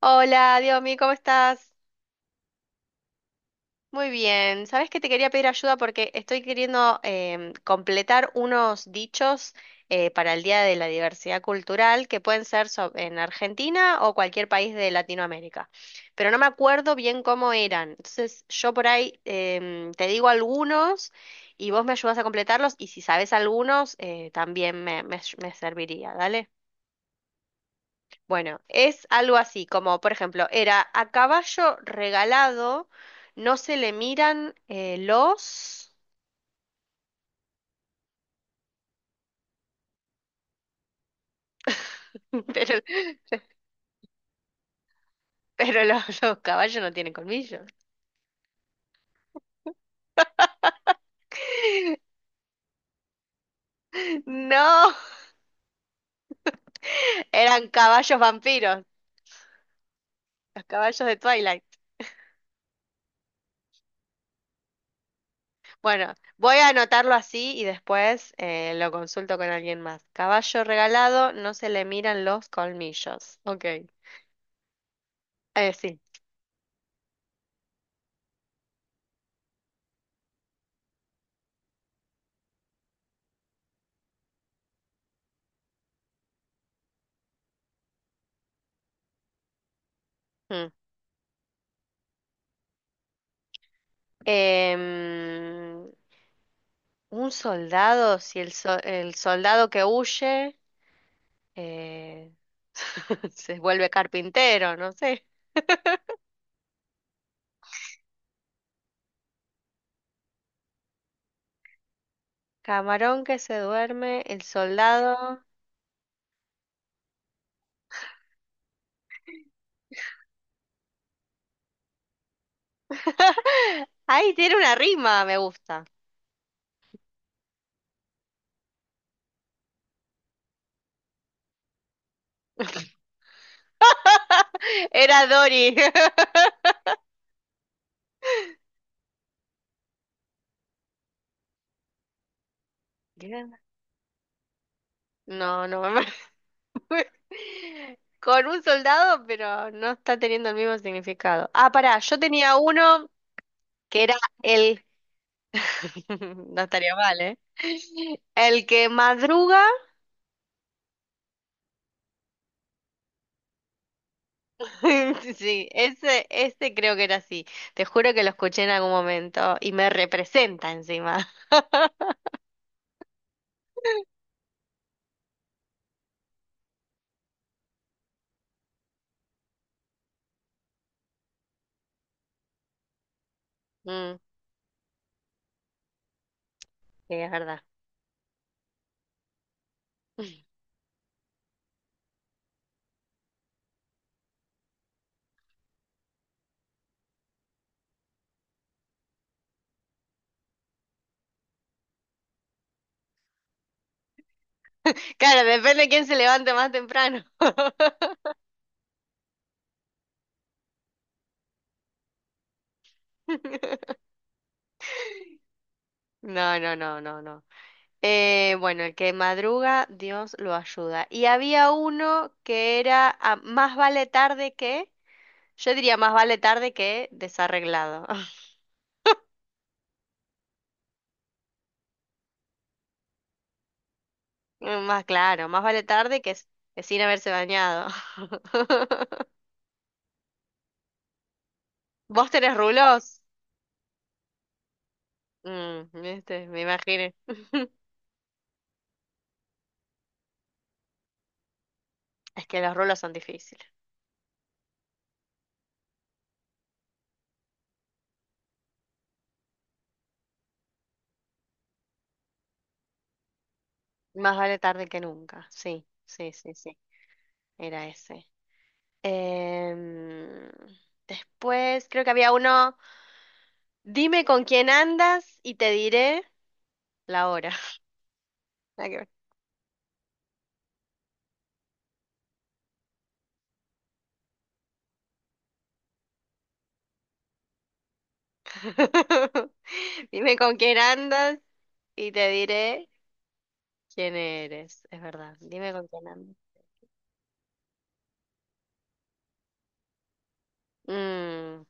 Hola, Diomi, ¿cómo estás? Muy bien. Sabes que te quería pedir ayuda porque estoy queriendo completar unos dichos para el Día de la Diversidad Cultural que pueden ser en Argentina o cualquier país de Latinoamérica. Pero no me acuerdo bien cómo eran. Entonces, yo por ahí te digo algunos y vos me ayudas a completarlos, y si sabes algunos también me serviría. Dale. Bueno, es algo así, como por ejemplo, era: a caballo regalado, no se le miran los… pero, pero los caballos no tienen colmillos. No, eran caballos vampiros, los caballos de Twilight. Bueno, voy a anotarlo así y después lo consulto con alguien más. Caballo regalado, no se le miran los colmillos. Ok. Sí. Mm. Em, un soldado, si el soldado que huye, eh, se vuelve carpintero, no sé. Camarón que se duerme, el soldado. Ay, tiene una rima, me gusta. Era Dory. Gran- No, no me… Con un soldado, pero no está teniendo el mismo significado. Ah, pará, yo tenía uno que era el… No estaría mal, ¿eh? El que madruga… Sí, ese creo que era así. Te juro que lo escuché en algún momento y me representa encima. Mm, sí, es verdad. Claro, depende de quién se levante más temprano. No, no, no, no, no. Bueno, el que madruga, Dios lo ayuda. Y había uno que era, ah, más vale tarde que… yo diría más vale tarde que desarreglado. Más claro, más vale tarde que, que sin haberse bañado. ¿Vos tenés rulos? Mm, viste, me imaginé. Es que los rulos son difíciles. Más vale tarde que nunca. Sí, sí, sí, sí. Era ese. Em, después creo que había uno. Dime con quién andas y te diré la hora. Nada que ver. Dime con quién andas y te diré quién eres. Es verdad. Dime con quién andas. Mm.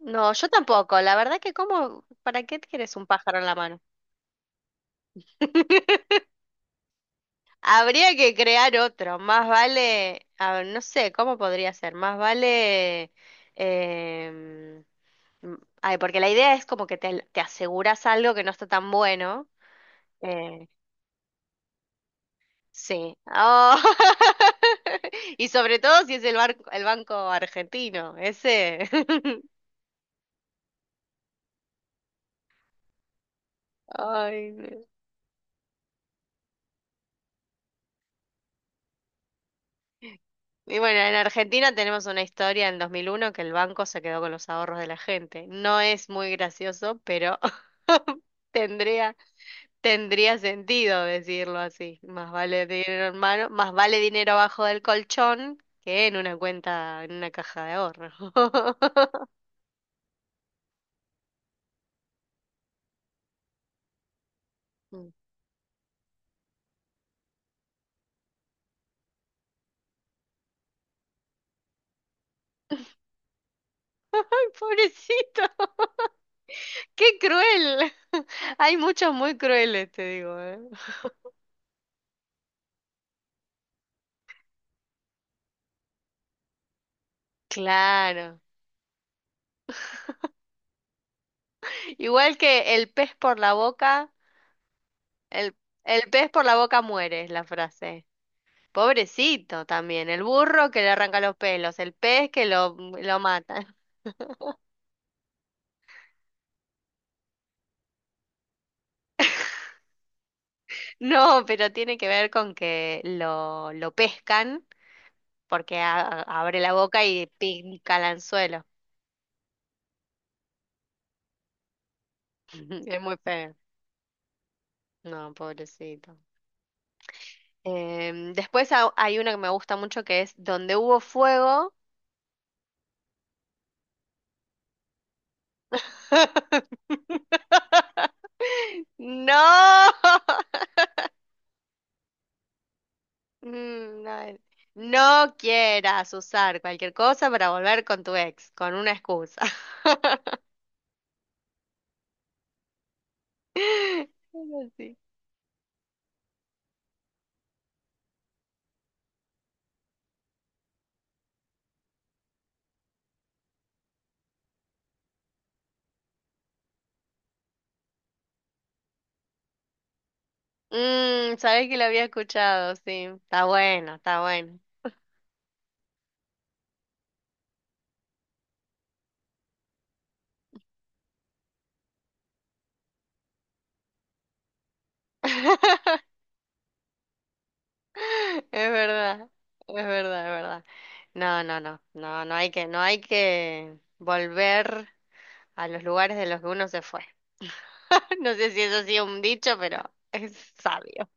No, yo tampoco. La verdad que, como, ¿para qué quieres un pájaro en la mano? Habría que crear otro: más vale, a no sé, ¿cómo podría ser? Más vale, em, ay, porque la idea es como que te aseguras algo que no está tan bueno. eh, sí. Oh. Y sobre todo si es el barco, el banco argentino, ese. Ay, no. Y bueno, en Argentina tenemos una historia en 2001 que el banco se quedó con los ahorros de la gente. No es muy gracioso, pero tendría… Tendría sentido decirlo así. Más vale dinero en mano, más vale dinero abajo del colchón que en una cuenta, en una caja de ahorro. Mm. Pobrecito, qué cruel. Hay muchos muy crueles, te digo, ¿eh? Claro. Igual que el pez por la boca, el, el pez por la boca muere, es la frase. Pobrecito también, el burro que le arranca los pelos, el pez que lo mata. No, pero tiene que ver con que lo pescan porque abre la boca y pica el anzuelo. Es muy feo. No, pobrecito. Después hay una que me gusta mucho, que es: donde hubo fuego… No. Mm, no, no quieras usar cualquier cosa para volver con tu ex, con una excusa. Es así. Mm, sabes que lo había escuchado, sí. Está bueno, está bueno. Es verdad, es verdad, es verdad. No, no, no, no, no hay que, no hay que volver a los lugares de los que uno se fue. No sé si eso ha sido un dicho, pero es sabio.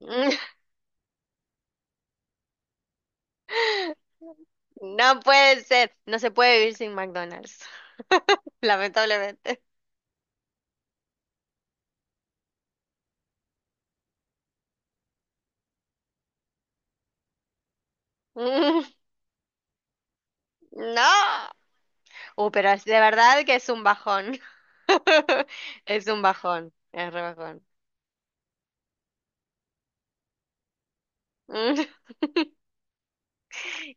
No puede ser, no se puede vivir sin McDonald's, lamentablemente. No. Pero es de verdad que es un bajón. Es un bajón, es re bajón. Mm.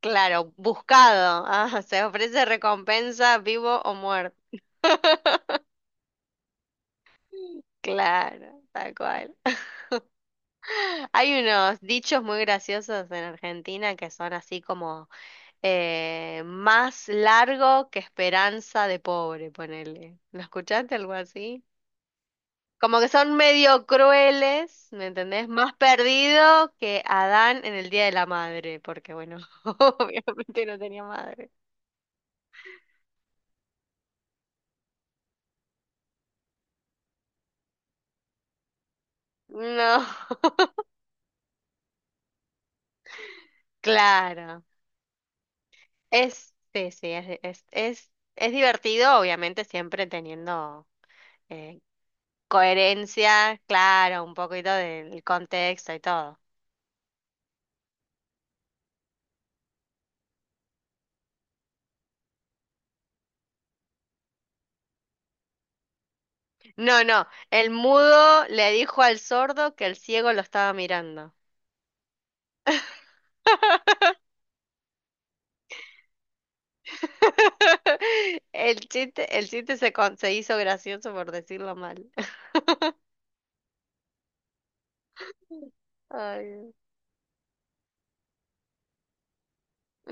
Claro, buscado. Ah, se ofrece recompensa vivo o muerto. Claro, tal cual. Hay unos dichos muy graciosos en Argentina, que son así como más largo que esperanza de pobre, ponele. ¿Lo escuchaste algo así? Como que son medio crueles, ¿me entendés? Más perdido que Adán en el Día de la Madre, porque bueno, obviamente no tenía madre. No, claro. Es, sí, sí, es divertido, obviamente, siempre teniendo eh, coherencia, claro, un poquito del contexto y todo. No, no, el mudo le dijo al sordo que el ciego lo estaba mirando. El chiste se, se hizo gracioso por decirlo mal. Ay,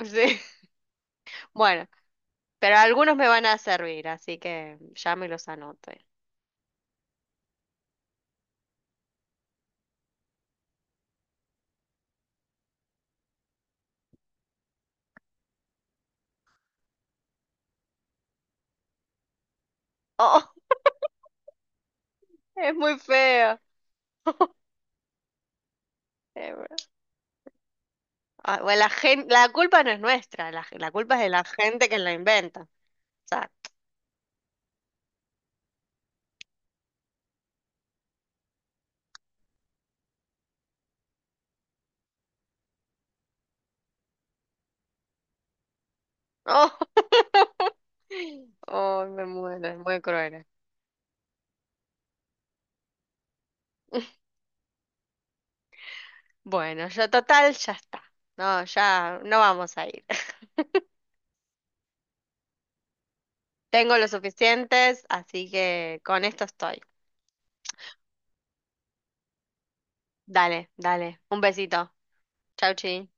sí. Bueno, pero algunos me van a servir, así que ya me los anoto. Oh, es muy feo. Bueno, ah, bueno, la culpa no es nuestra, la culpa es de la gente que la inventa. O sea, oh. Oh, me muero, es muy cruel. Bueno, yo total, ya está. No, ya no vamos a ir. Tengo los suficientes, así que con esto estoy. Dale, dale. Un besito. Chau, chi.